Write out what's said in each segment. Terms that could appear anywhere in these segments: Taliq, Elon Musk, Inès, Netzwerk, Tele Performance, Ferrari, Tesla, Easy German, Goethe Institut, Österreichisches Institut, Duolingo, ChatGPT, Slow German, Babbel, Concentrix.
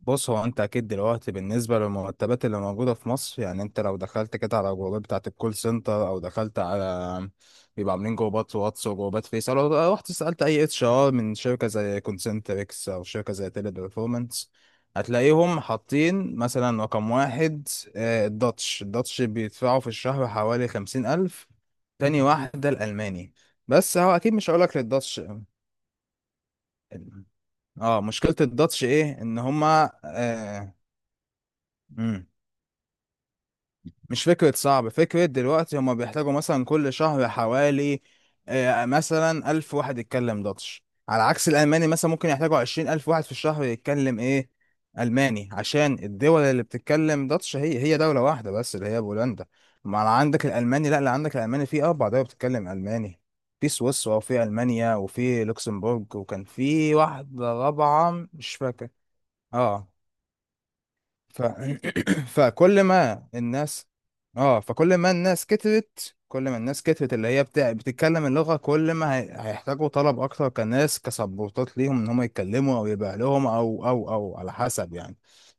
بص، هو انت اكيد دلوقتي بالنسبه للمرتبات اللي موجوده في مصر، يعني انت لو دخلت كده على جروبات بتاعه الكول سنتر، او دخلت على بيبقى عاملين جروبات واتس وجروبات فيس، او لو رحت سالت اي اتش ار من شركه زي كونسنتريكس او شركه زي تيلي برفورمانس، هتلاقيهم حاطين مثلا رقم واحد، الداتش بيدفعوا في الشهر حوالي 50 الف. تاني واحده الالماني. بس هو اكيد مش هقولك للداتش. اه، مشكله الداتش ايه، ان هما مم. مش فكرة صعب، فكرة دلوقتي هما بيحتاجوا مثلا كل شهر حوالي مثلا 1000 واحد يتكلم داتش، على عكس الألماني مثلا ممكن يحتاجوا 20 الف واحد في الشهر يتكلم إيه؟ ألماني. عشان الدول اللي بتتكلم داتش هي دولة واحدة بس، اللي هي بولندا. ما أنا عندك الألماني، لا، اللي عندك الألماني في 4 دول بتتكلم ألماني، في سويسرا وفي ألمانيا وفي لوكسمبورج، وكان في واحدة رابعة مش فاكر. اه. ف... فكل ما الناس اه فكل ما الناس كترت، كل ما الناس كترت اللي هي بتتكلم اللغة، كل ما هيحتاجوا طلب أكتر كناس، كسبورتات ليهم إن هم يتكلموا، أو يبقى لهم، أو على حسب يعني.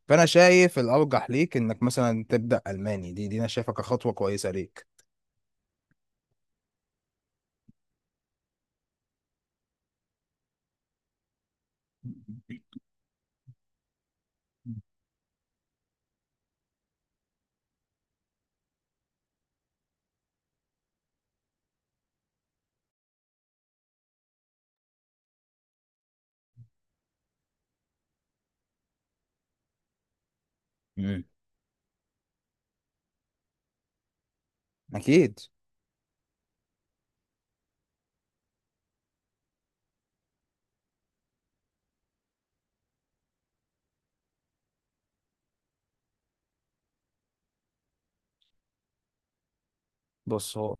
فأنا شايف الأرجح ليك إنك مثلا تبدأ ألماني، دي أنا شايفها كخطوة كويسة ليك. مم. أكيد. بص، هو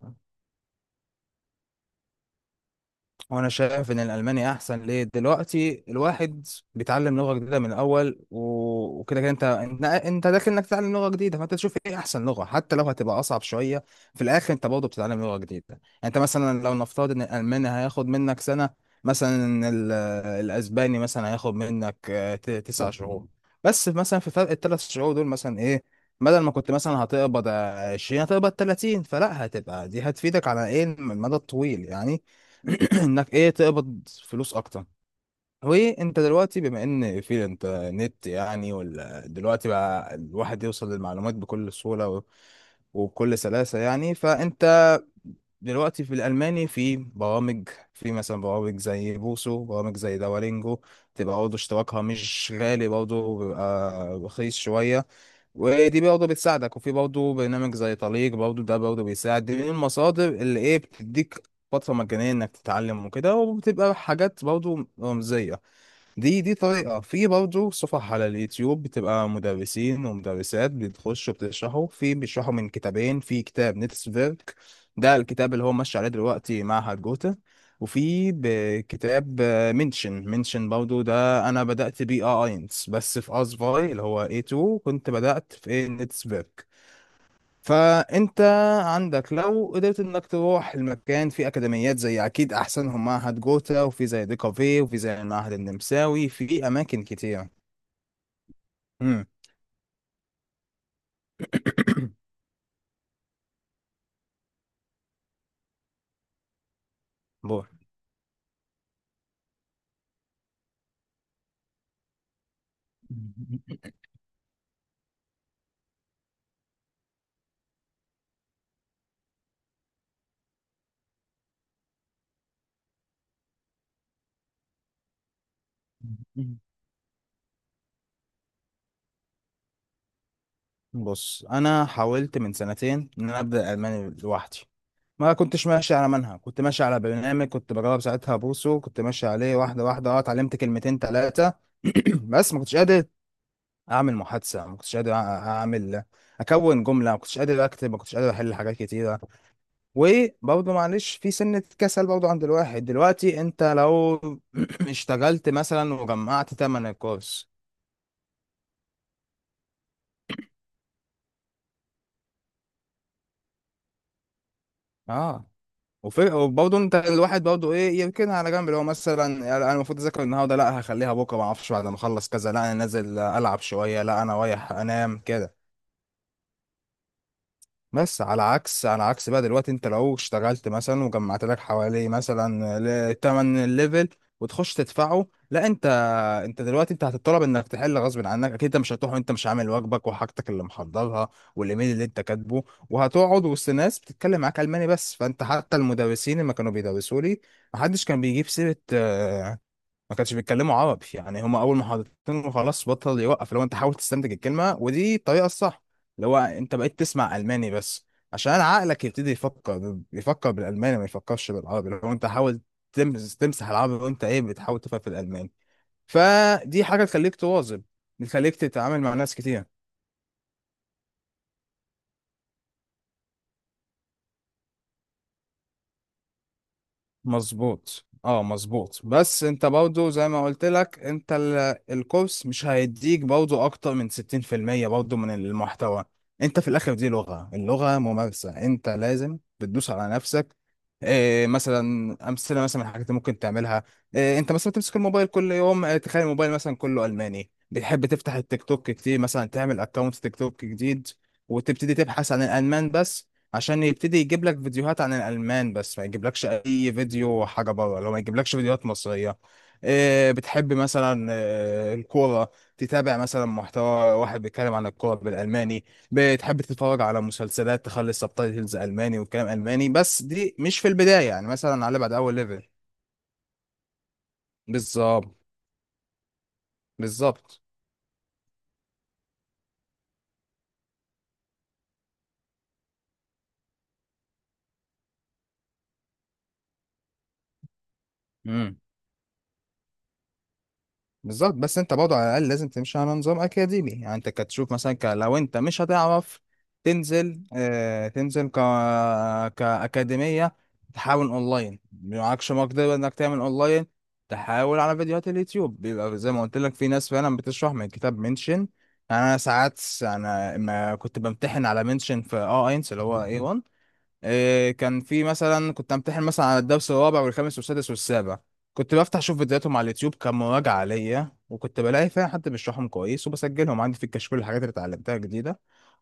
وانا شايف ان الالماني احسن، ليه؟ دلوقتي الواحد بيتعلم لغه جديده من الاول، وكده كده انت داخل انك تتعلم لغه جديده، فانت تشوف ايه احسن لغه، حتى لو هتبقى اصعب شويه. في الاخر انت برضه بتتعلم لغه جديده. يعني انت مثلا لو نفترض ان الالماني هياخد منك سنه، مثلا ال- الاسباني مثلا هياخد منك 9 شهور. بس مثلا في فرق 3 شهور دول، مثلا ايه؟ بدل ما كنت مثلا هتقبض 20 هتقبض 30، فلا، هتبقى دي هتفيدك على ايه؟ المدى الطويل يعني. انك ايه؟ تقبض فلوس اكتر. وانت دلوقتي بما ان في الانترنت، يعني ولا دلوقتي بقى الواحد يوصل للمعلومات بكل سهولة، وبكل سلاسة يعني. فانت دلوقتي في الالماني في برامج، في مثلا برامج زي بوسو، برامج زي دولينجو، تبقى برضه اشتراكها مش غالي، برضه بيبقى رخيص شوية، ودي برضه بتساعدك. وفي برضه برنامج زي طليق، برضه ده برضه بيساعد. دي من المصادر اللي ايه؟ بتديك فترة مجانية انك تتعلم وكده، وبتبقى حاجات برضه رمزية. دي طريقة. في برضه صفح على اليوتيوب، بتبقى مدرسين ومدرسات بتخشوا بتشرحوا، بيشرحوا من كتابين، في كتاب نيتسفيرك، ده الكتاب اللي هو ماشي عليه دلوقتي معهد جوتا، وفي كتاب منشن برضه، ده انا بدأت بيه اه اينس. بس في اسفاي اللي هو A2 كنت بدأت في نيتسفيرك. فانت عندك لو قدرت انك تروح المكان، في اكاديميات زي اكيد احسنهم معهد جوتا، وفي زي دي كافيه، وفي زي المعهد النمساوي، في اماكن كتيره. امم. بور. بص، انا حاولت من 2 سنين ان انا ابدا الماني لوحدي، ما كنتش ماشي على منهج، كنت ماشي على برنامج، كنت بجرب ساعتها بوسو، كنت ماشي عليه واحده واحده، اه اتعلمت كلمتين ثلاثه. بس ما كنتش قادر اعمل محادثه، ما كنتش قادر اعمل اكون جمله، ما كنتش قادر اكتب، ما كنتش قادر احل حاجات كتيره. وبرضه معلش، في سنه كسل برضه عند الواحد. دلوقتي انت لو اشتغلت مثلا وجمعت ثمن الكورس، اه وفرق. وبرضه انت الواحد برضه ايه؟ يركنها على جنب، اللي هو مثلا يعني انا المفروض اذاكر النهارده، لا، هخليها بكره، ما اعرفش بعد ما اخلص كذا، لا انا نازل العب شويه، لا انا رايح انام كده. بس على عكس بقى دلوقتي، انت لو اشتغلت مثلا وجمعت لك حوالي مثلا تمن ليفل، وتخش تدفعه، لا، انت دلوقتي انت هتطلب انك تحل غصب عنك، اكيد انت مش هتروح وانت مش عامل واجبك وحاجتك اللي محضرها والايميل اللي انت كاتبه، وهتقعد وسط ناس بتتكلم معاك الماني بس. فانت حتى المدرسين لما كانوا بيدرسوا لي، محدش كان بيجيب سيره، ما كانش بيتكلموا عربي يعني. هما اول ما حضرتين خلاص، بطل يوقف، لو انت حاول تستنتج الكلمه، ودي الطريقه الصح، اللي هو انت بقيت تسمع الماني بس، عشان عقلك يبتدي يفكر بالالماني ما يفكرش بالعربي. لو انت حاول تمسح العربي، وانت ايه؟ بتحاول تفهم في الالماني، فدي حاجه تخليك تواظب، بتخليك تتعامل مع ناس كتير. مظبوط. اه مظبوط. بس انت برضو زي ما قلت لك، انت الكورس مش هيديك برضو اكتر من 60% برضو من المحتوى. انت في الاخر دي لغة، اللغة ممارسة، انت لازم بتدوس على نفسك. إيه مثلا امثله مثلا من الحاجات اللي ممكن تعملها؟ إيه، انت مثلا تمسك الموبايل كل يوم، إيه؟ تخيل الموبايل مثلا كله الماني. بتحب تفتح التيك توك كتير؟ مثلا تعمل اكونت تيك توك جديد، وتبتدي تبحث عن الالمان بس، عشان يبتدي يجيب لك فيديوهات عن الألمان بس، ما يجيبلكش أي فيديو حاجة بره، لو ما يجيبلكش فيديوهات مصرية. إيه بتحب مثلا؟ إيه الكورة؟ تتابع مثلا محتوى واحد بيتكلم عن الكورة بالألماني. بتحب تتفرج على مسلسلات؟ تخلي السبتايتلز ألماني والكلام ألماني بس، دي مش في البداية يعني، مثلا على بعد أول ليفل. بالظبط. بالظبط. مم. بالظبط. بس انت برضه على الاقل لازم تمشي على نظام اكاديمي. يعني انت كتشوف مثلا لو انت مش هتعرف تنزل، اه تنزل كاكاديميه، تحاول اونلاين. معكش مقدره انك تعمل اونلاين، تحاول على فيديوهات اليوتيوب. بيبقى زي ما قلت لك، في ناس فعلا بتشرح من كتاب منشن. يعني انا ساعات انا ما كنت بمتحن على منشن في اه اينس اللي هو A1، إيه، كان في مثلا كنت امتحن مثلا على الدرس الرابع والخامس والسادس والسابع، كنت بفتح اشوف فيديوهاتهم على اليوتيوب كمراجعه ليا، وكنت بلاقي فيها حد بيشرحهم كويس، وبسجلهم عندي في الكشكول الحاجات اللي اتعلمتها جديده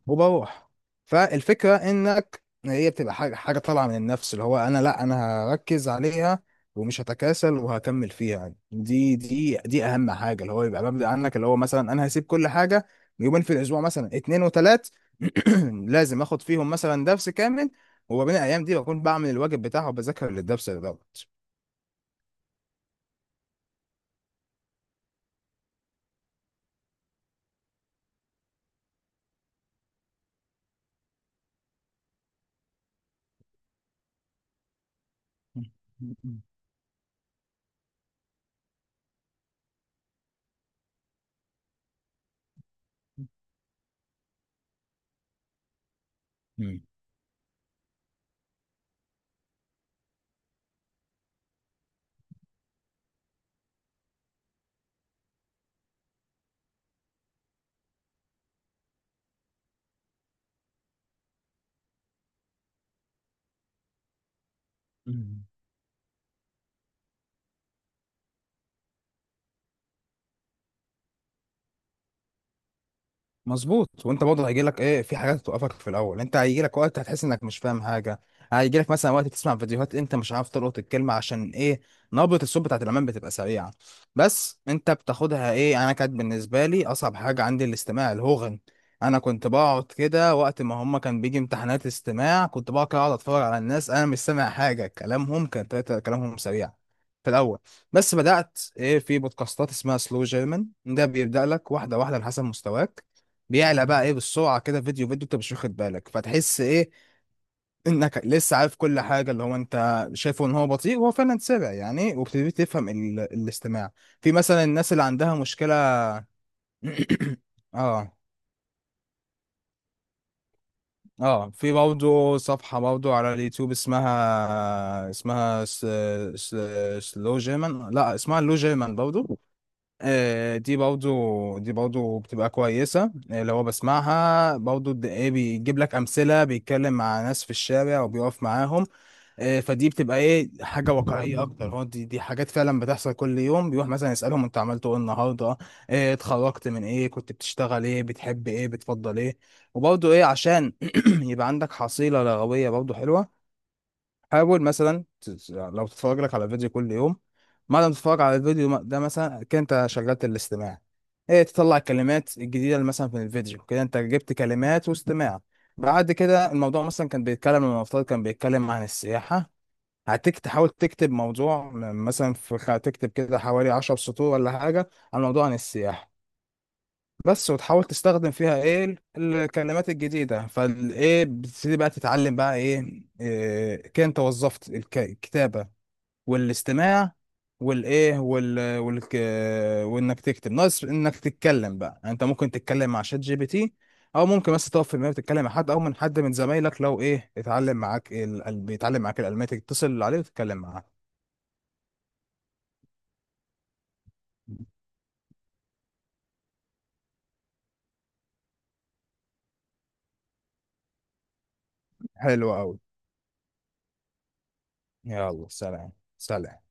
وبروح. فالفكرة انك هي بتبقى حاجة، حاجة طالعة من النفس، اللي هو انا لا، انا هركز عليها ومش هتكاسل وهكمل فيها يعني. دي اهم حاجة، اللي هو يبقى مبدأ عنك، اللي هو مثلا انا هسيب كل حاجة، يومين في الاسبوع مثلا، اتنين وتلات، لازم اخد فيهم مثلا درس كامل، وما بين الايام دي بكون بعمل الواجب بتاعه وبذاكر للدرس دوت. مظبوط. وانت برضه هيجي لك ايه، في حاجات توقفك في الاول. انت هيجي لك وقت هتحس انك مش فاهم حاجه، هيجي لك مثلا وقت تسمع فيديوهات انت مش عارف تلقط الكلمه، عشان ايه؟ نبره الصوت بتاعت الامام بتبقى سريعه. بس انت بتاخدها ايه؟ يعني انا كانت بالنسبه لي اصعب حاجه عندي الاستماع الهوغن. انا كنت بقعد كده، وقت ما هما كان بيجي امتحانات استماع، كنت بقعد كده اقعد اتفرج على الناس، انا مش سامع حاجه، كلامهم كان كلامهم سريع في الاول. بس بدات ايه؟ في بودكاستات اسمها سلو جيرمان، ده بيبدا لك واحده واحده على حسب مستواك، بيعلى بقى ايه؟ بالسرعه كده، فيديو فيديو انت مش واخد بالك، فتحس ايه؟ انك لسه عارف كل حاجه، اللي هو انت شايفه ان هو بطيء وهو فعلا سرع يعني، وبتبتدي تفهم الاستماع. في مثلا الناس اللي عندها مشكله. اه. اه، في برضه صفحه برضه على اليوتيوب، اسمها س... سلو جيرمان، لا اسمها لو جيرمان برضه. دي برضو بتبقى كويسة. لو هو بسمعها برضو، ايه؟ بيجيب لك أمثلة، بيتكلم مع ناس في الشارع وبيقف معاهم. فدي بتبقى ايه؟ حاجة واقعية أكتر، هو دي حاجات فعلا بتحصل كل يوم، بيروح مثلا يسألهم أنت عملت ايه النهاردة، اتخرجت من ايه، كنت بتشتغل ايه، بتحب ايه، بتفضل ايه. وبرضو ايه؟ عشان يبقى عندك حصيلة لغوية برضو حلوة. حاول مثلا لو تتفرج لك على فيديو كل يوم، بعد ما تتفرج على الفيديو ده مثلا كده انت شغلت الاستماع، ايه؟ تطلع الكلمات الجديدة اللي مثلا في الفيديو، كده انت جبت كلمات واستماع. بعد كده الموضوع مثلا كان بيتكلم، المفترض كان بيتكلم عن السياحة، تحاول تكتب موضوع مثلا في تكتب كده حوالي 10 سطور ولا حاجة عن موضوع عن السياحة بس، وتحاول تستخدم فيها ايه الكلمات الجديدة، فالايه؟ بتبتدي بقى تتعلم بقى ايه, إيه؟ كده انت وظفت الكتابة والاستماع والايه، وال والك وانك تكتب، ناقص انك تتكلم بقى. يعني انت ممكن تتكلم مع شات جي بي تي، او ممكن بس تقف في المكتب تتكلم مع حد، او من حد من زمايلك لو ايه اتعلم معاك بيتعلم معاك الالماني، تتصل عليه وتتكلم معاه. حلو قوي. يلا سلام. سلام.